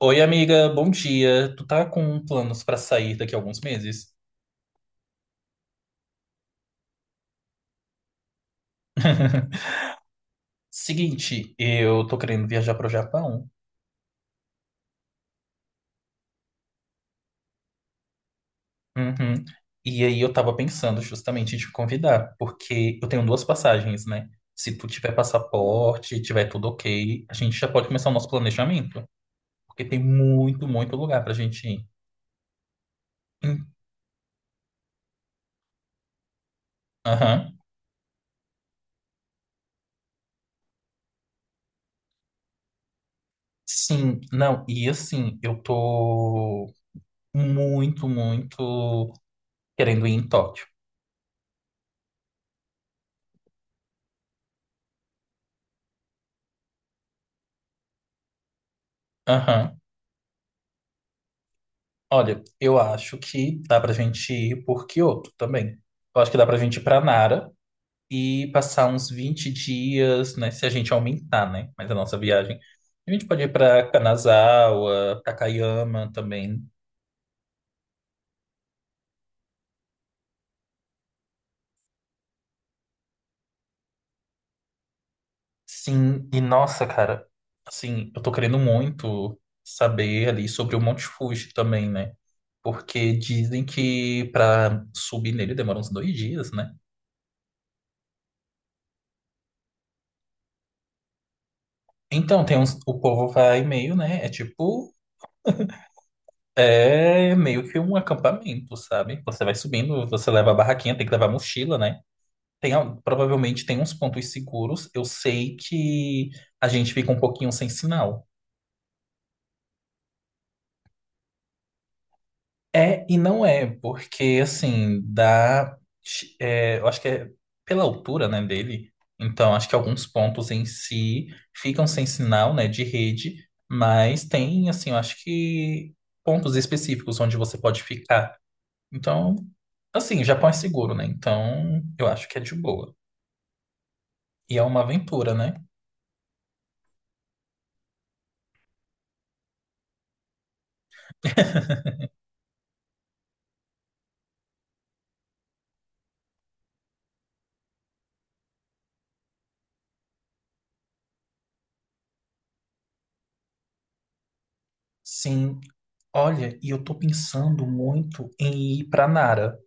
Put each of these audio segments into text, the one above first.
Oi, amiga, bom dia. Tu tá com planos pra sair daqui a alguns meses? Seguinte, eu tô querendo viajar pro Japão. Uhum. E aí eu tava pensando justamente em te convidar, porque eu tenho duas passagens, né? Se tu tiver passaporte, tiver tudo ok, a gente já pode começar o nosso planejamento, porque tem muito, muito lugar pra gente ir. Hum. Aham. Sim, não, e assim, eu tô muito, muito querendo ir em Tóquio. Aham. Olha, eu acho que dá pra gente ir por Kyoto também. Eu acho que dá pra gente ir pra Nara e passar uns 20 dias, né? Se a gente aumentar, né? Mas a nossa viagem. A gente pode ir pra Kanazawa, Takayama também. Sim, e nossa, cara, assim, eu tô querendo muito saber ali sobre o Monte Fuji também, né? Porque dizem que pra subir nele demora uns dois dias, né? Então, tem uns, o povo vai meio, né? É meio que um acampamento, sabe? Você vai subindo, você leva a barraquinha, tem que levar a mochila, né? Tem, provavelmente tem uns pontos seguros. Eu sei que a gente fica um pouquinho sem sinal. É e não é, porque assim, dá. É, eu acho que é pela altura, né, dele. Então, acho que alguns pontos em si ficam sem sinal, né, de rede, mas tem, assim, eu acho que pontos específicos onde você pode ficar. Então, assim, o Japão é seguro, né? Então, eu acho que é de boa. E é uma aventura, né? Sim. Olha, e eu tô pensando muito em ir pra Nara,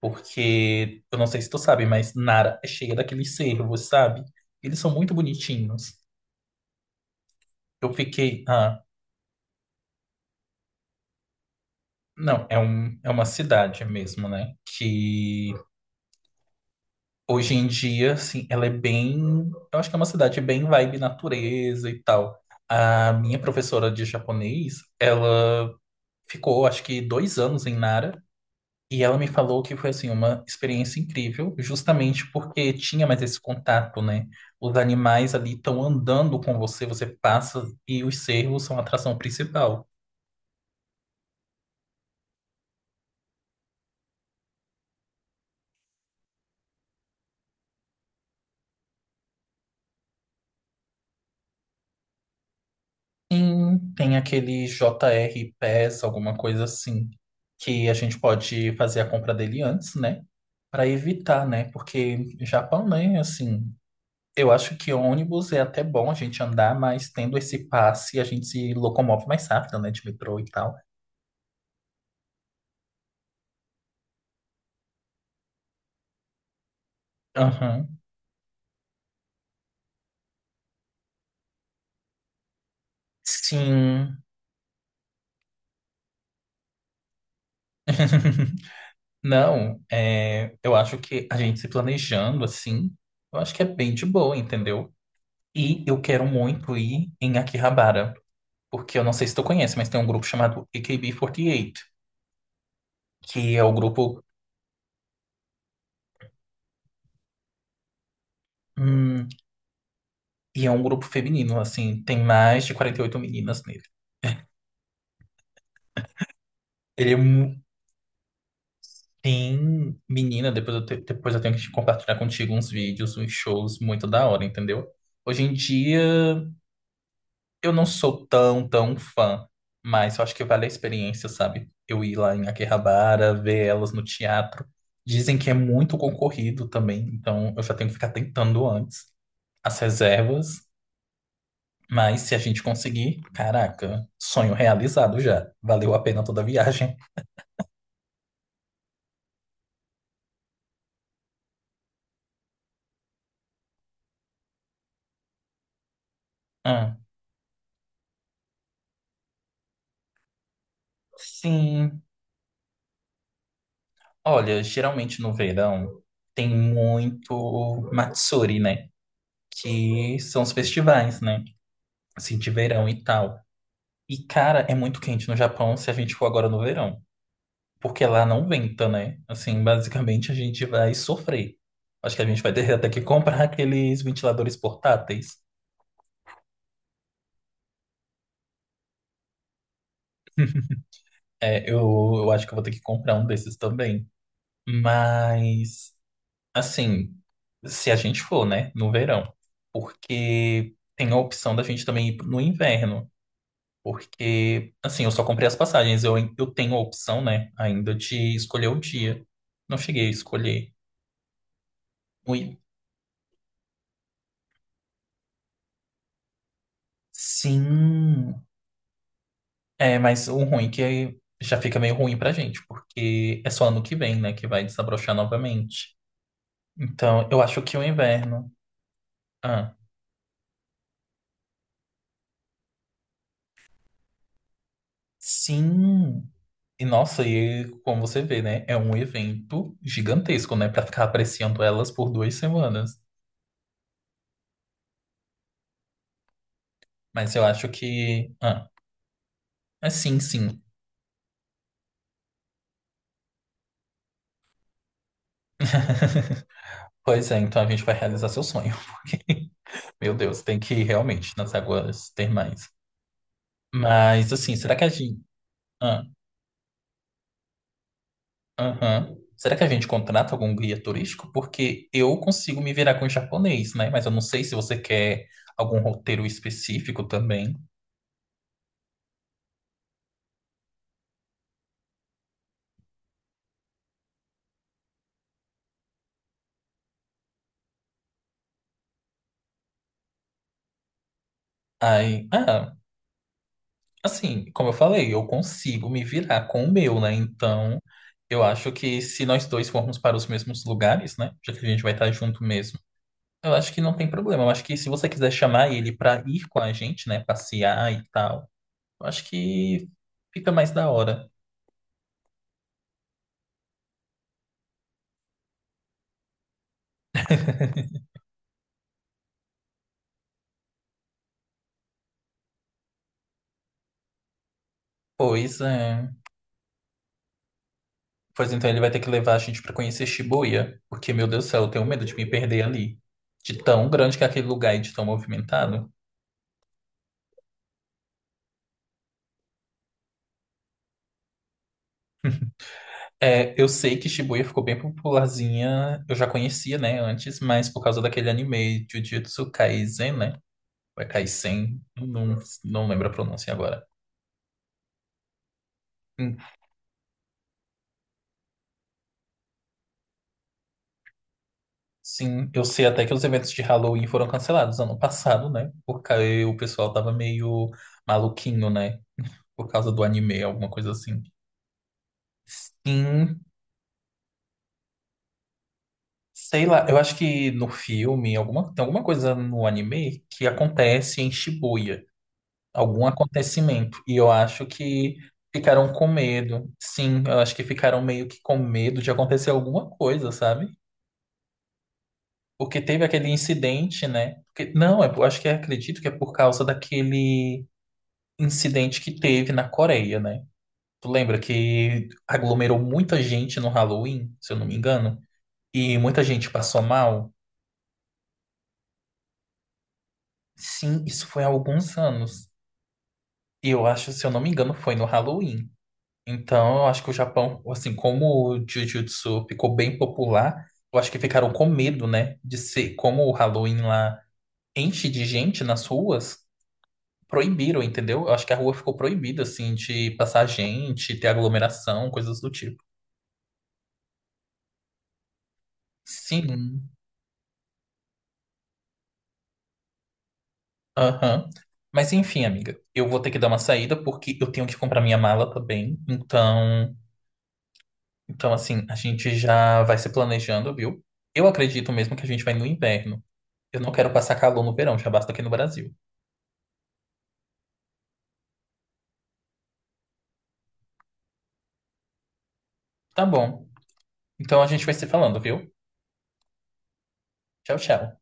porque eu não sei se tu sabe, mas Nara é cheia daqueles cervos, sabe? Eles são muito bonitinhos. Eu fiquei, ah, não, é um, é uma cidade mesmo, né? Que hoje em dia, assim, ela é bem, eu acho que é uma cidade bem vibe natureza e tal. A minha professora de japonês, ela ficou acho que dois anos em Nara e ela me falou que foi assim uma experiência incrível, justamente porque tinha mais esse contato, né? Os animais ali estão andando com você, você passa e os cervos são a atração principal. Sim, tem aquele JR Pass, alguma coisa assim, que a gente pode fazer a compra dele antes, né? Para evitar, né? Porque Japão, né? Assim, eu acho que ônibus é até bom a gente andar, mas tendo esse passe, a gente se locomove mais rápido, né? De metrô e tal. Aham. Sim. Não, é, eu acho que a gente se planejando assim, eu acho que é bem de boa, entendeu? E eu quero muito ir em Akihabara, porque eu não sei se tu conhece, mas tem um grupo chamado AKB48, que é o grupo. Hum. E é um grupo feminino, assim, tem mais de 48 meninas nele. Ele é Tem, menina, depois eu tenho que te compartilhar contigo uns vídeos, uns shows muito da hora, entendeu? Hoje em dia eu não sou tão, tão fã, mas eu acho que vale a experiência, sabe? Eu ir lá em Akihabara, ver elas no teatro. Dizem que é muito concorrido também, então eu já tenho que ficar tentando antes as reservas, mas se a gente conseguir, caraca, sonho realizado já. Valeu a pena toda a viagem. Ah, sim. Olha, geralmente no verão tem muito Matsuri, né? Que são os festivais, né? Assim, de verão e tal. E, cara, é muito quente no Japão se a gente for agora no verão. Porque lá não venta, né? Assim, basicamente a gente vai sofrer. Acho que a gente vai ter até que comprar aqueles ventiladores portáteis. É, eu acho que eu vou ter que comprar um desses também. Mas. Assim, se a gente for, né, no verão, porque tem a opção da gente também ir no inverno, porque, assim, eu só comprei as passagens, eu tenho a opção, né, ainda de escolher o dia. Não cheguei a escolher. Ui, sim, é, mas o ruim é que já fica meio ruim pra gente, porque é só ano que vem, né, que vai desabrochar novamente. Então, eu acho que o inverno. Ah, sim. E nossa, e como você vê, né? É um evento gigantesco, né? Pra ficar apreciando elas por duas semanas. Mas eu acho que. Ah, é sim, sim. Pois é, então a gente vai realizar seu sonho. Porque, meu Deus, tem que ir realmente nas águas termais. Mas assim, será que a gente. Ah, aham. Será que a gente contrata algum guia turístico? Porque eu consigo me virar com o japonês, né? Mas eu não sei se você quer algum roteiro específico também. Aí, ah, assim, como eu falei, eu consigo me virar com o meu, né? Então, eu acho que se nós dois formos para os mesmos lugares, né? Já que a gente vai estar junto mesmo, eu acho que não tem problema. Eu acho que se você quiser chamar ele para ir com a gente, né? Passear e tal, eu acho que fica mais da hora. Pois é. Pois então ele vai ter que levar a gente para conhecer Shibuya, porque, meu Deus do céu, eu tenho medo de me perder ali. De tão grande que é aquele lugar e de tão movimentado. É, eu sei que Shibuya ficou bem popularzinha, eu já conhecia, né, antes, mas por causa daquele anime Jujutsu Kaisen, né? Ou é Kaisen, não, não lembro a pronúncia agora. Hum. Sim, eu sei até que os eventos de Halloween foram cancelados ano passado, né? Porque o pessoal tava meio maluquinho, né? Por causa do anime, alguma coisa assim. Sim, sei lá, eu acho que no filme, alguma, tem alguma coisa no anime que acontece em Shibuya. Algum acontecimento. E eu acho que ficaram com medo. Sim, eu acho que ficaram meio que com medo de acontecer alguma coisa, sabe? Porque teve aquele incidente, né? Não, eu acho que acredito que é por causa daquele incidente que teve na Coreia, né? Tu lembra que aglomerou muita gente no Halloween, se eu não me engano, e muita gente passou mal? Sim, isso foi há alguns anos. E eu acho, se eu não me engano, foi no Halloween. Então, eu acho que o Japão, assim, como o Jiu-Jitsu ficou bem popular, eu acho que ficaram com medo, né? De ser, como o Halloween lá enche de gente nas ruas, proibiram, entendeu? Eu acho que a rua ficou proibida, assim, de passar gente, ter aglomeração, coisas do tipo. Sim, aham. Mas enfim, amiga, eu vou ter que dar uma saída porque eu tenho que comprar minha mala também. Então, então assim, a gente já vai se planejando, viu? Eu acredito mesmo que a gente vai no inverno. Eu não quero passar calor no verão, já basta aqui no Brasil. Tá bom. Então a gente vai se falando, viu? Tchau, tchau.